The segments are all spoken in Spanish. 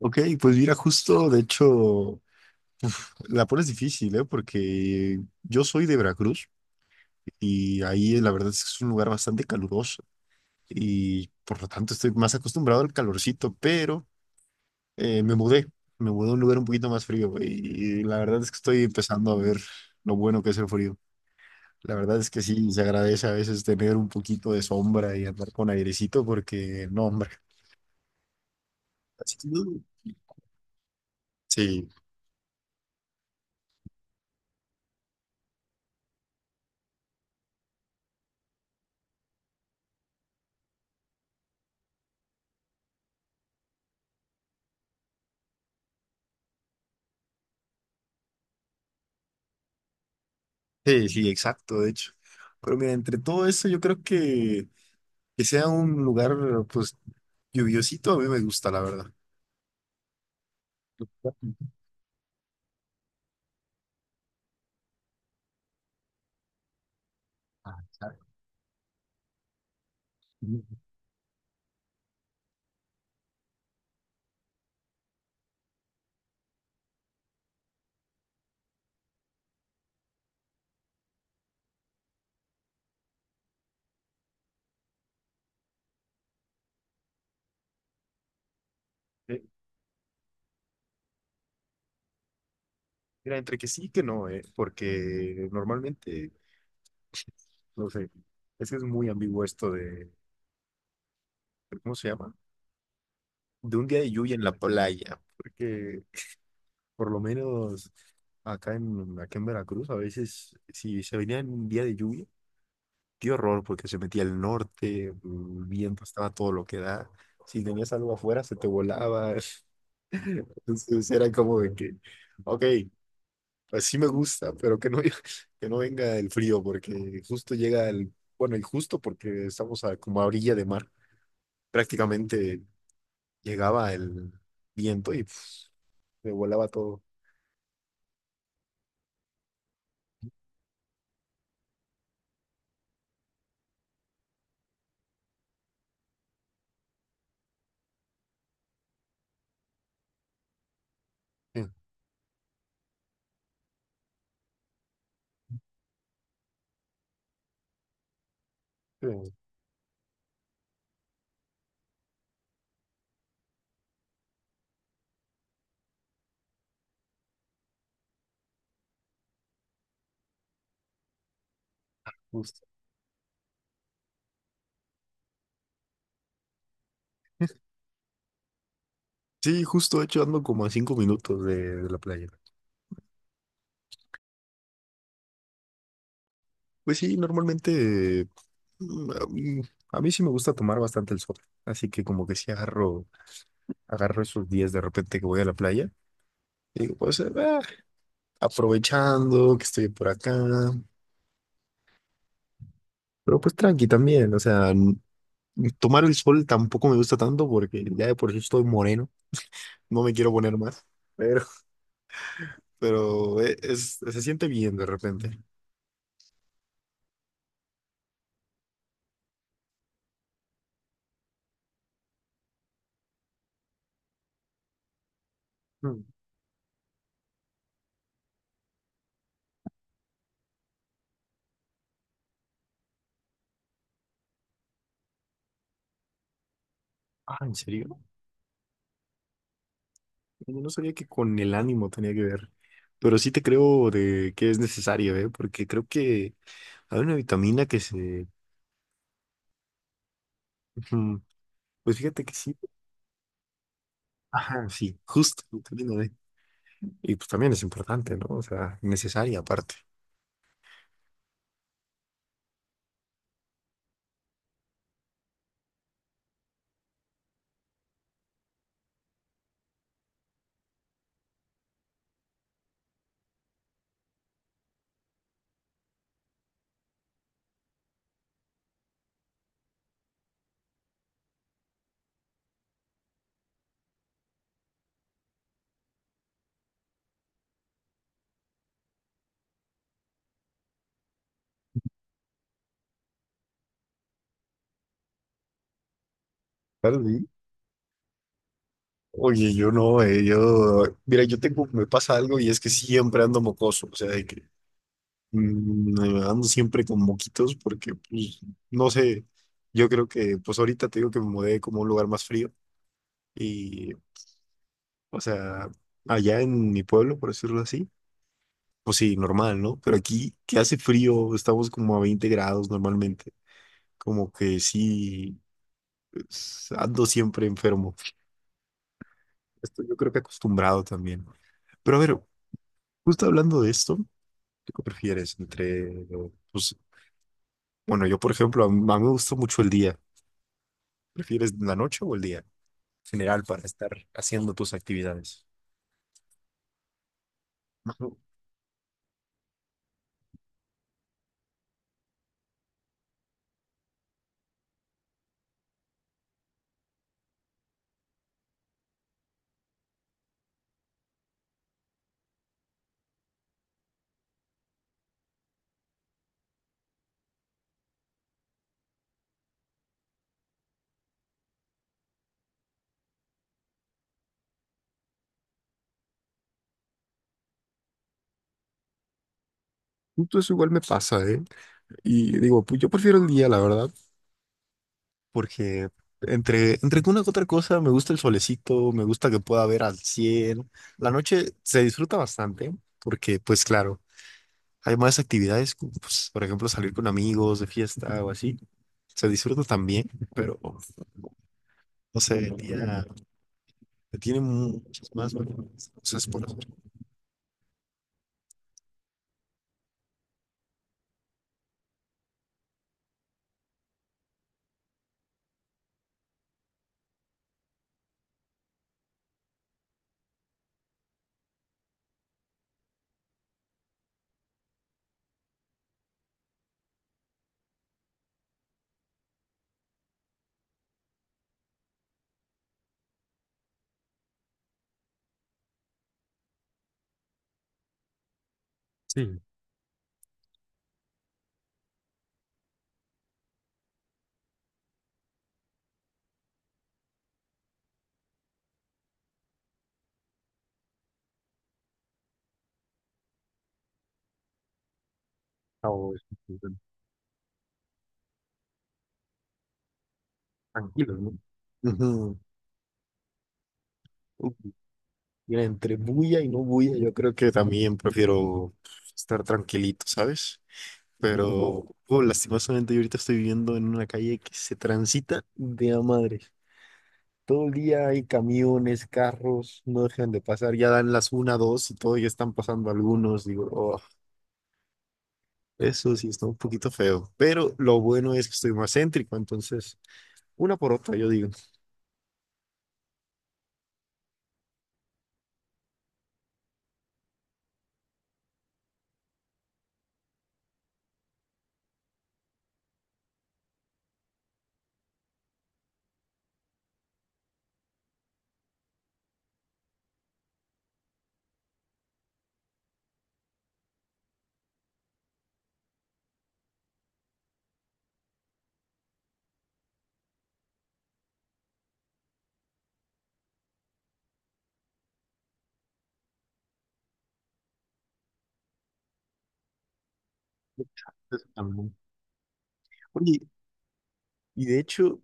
Ok, pues mira, justo, de hecho, la pones difícil, ¿eh? Porque yo soy de Veracruz y ahí la verdad es que es un lugar bastante caluroso y por lo tanto estoy más acostumbrado al calorcito, pero eh, me mudé, me mudé a un lugar un poquito más frío y, la verdad es que estoy empezando a ver lo bueno que es el frío. La verdad es que sí, se agradece a veces tener un poquito de sombra y andar con airecito porque, no, hombre, así, sí. Sí, sí, exacto, de hecho. Pero mira, entre todo eso, yo creo que sea un lugar, pues, lluviosito, a mí me gusta, la verdad. Ah, claro. Eh, Mira, entre que sí y que no, porque normalmente, no sé, es que es muy ambiguo esto ¿cómo se llama? De un día de lluvia en la playa, porque por lo menos acá en Veracruz, a veces, si se venía en un día de lluvia, qué horror, porque se metía al norte, el viento estaba todo lo que da. Si tenías algo afuera, se te volaba. Entonces era como de que, ok, así me gusta, pero que no, que no venga el frío, porque justo bueno, y justo porque estamos a, como a orilla de mar, prácticamente llegaba el viento y pf, me volaba todo. Sí, sí, justo. Sí, justo, de hecho, ando como a 5 minutos de la playa. Pues sí, normalmente mm, a mm, a mí sí me gusta tomar bastante el sol, así que como que sí agarro esos días de repente que voy a la playa, y digo, pues aprovechando que estoy por acá, pero pues tranqui también, o sea, tomar el sol tampoco me gusta tanto porque ya de por sí estoy moreno, no me quiero poner más, pero, pero se siente bien de repente. Mm. Ah, ¿en serio? Yo no sabía que con el ánimo tenía que ver, pero sí te creo de que es necesario, ¿eh? Porque creo que hay una vitamina que se... Ujú. Pues fíjate que sí. Ajá, sí, justo, vitamina D. Y pues también es importante, ¿no? O sea, necesaria aparte. Claro, sí. Oye, yo no, yo... Mira, yo tengo, me pasa algo y es que siempre ando mocoso, o sea, de que mm, ando siempre con moquitos porque, pues, no sé, yo creo que, pues ahorita te digo que me mudé como a un lugar más frío. Y O sea, allá en mi pueblo, por decirlo así, pues sí, normal, ¿no? Pero aquí, que hace frío, estamos como a 20 grados normalmente. Como que sí, pues, ando siempre enfermo. Estoy, yo creo que acostumbrado también. Pero a ver, justo hablando de esto, ¿tú qué prefieres entre, pues, bueno, yo por ejemplo, a mí, me gusta mucho el día. ¿Prefieres la noche o el día? En general, para estar haciendo tus actividades. Ujú. Justo eso igual me pasa, ¿eh? Y digo, pues yo prefiero el día, la verdad. Porque entre que una que otra cosa, me gusta el solecito, me gusta que pueda ver al cielo. La noche se disfruta bastante, porque pues claro, hay más actividades, como, pues, por ejemplo, salir con amigos de fiesta o así. Se disfruta también, pero no sé, el día tiene muchas más cosas por hacer. Sí. O tranquilos, ¿no? Ujú. Ujú. Mira, entre bulla y no bulla, yo creo que también prefiero estar tranquilito, ¿sabes? Pero, oh, lastimosamente yo ahorita estoy viviendo en una calle que se transita de a madre. Todo el día hay camiones, carros, no dejan de pasar, ya dan las una, dos y todo, ya están pasando algunos. Digo, oh, eso sí está un poquito feo. Pero lo bueno es que estoy más céntrico, entonces, una por otra, yo digo. Eso también. Oye, y de hecho,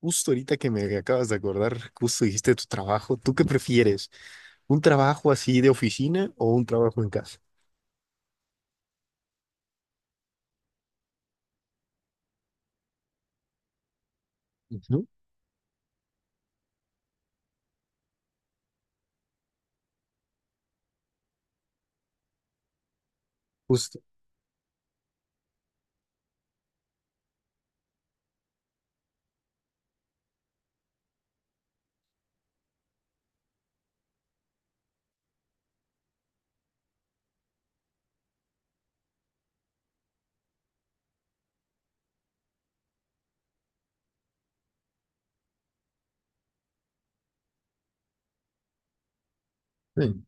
justo ahorita que me acabas de acordar, justo dijiste tu trabajo, ¿tú qué prefieres? ¿Un trabajo así de oficina o un trabajo en casa? Ujú, justo. Sí.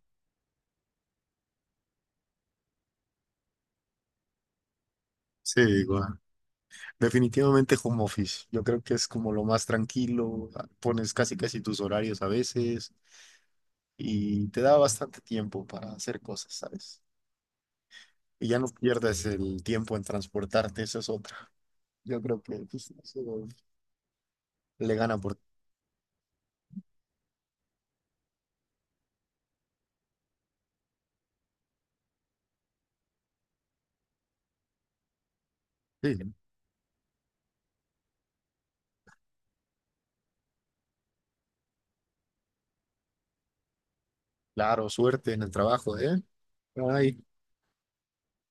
Sí, igual. Definitivamente home office. Yo creo que es como lo más tranquilo. Pones casi casi tus horarios a veces y te da bastante tiempo para hacer cosas, ¿sabes? Y ya no pierdes el tiempo en transportarte, eso es otra. Yo creo que pues, eso le gana por... Sí, claro, suerte en el trabajo, ¿eh? Ay.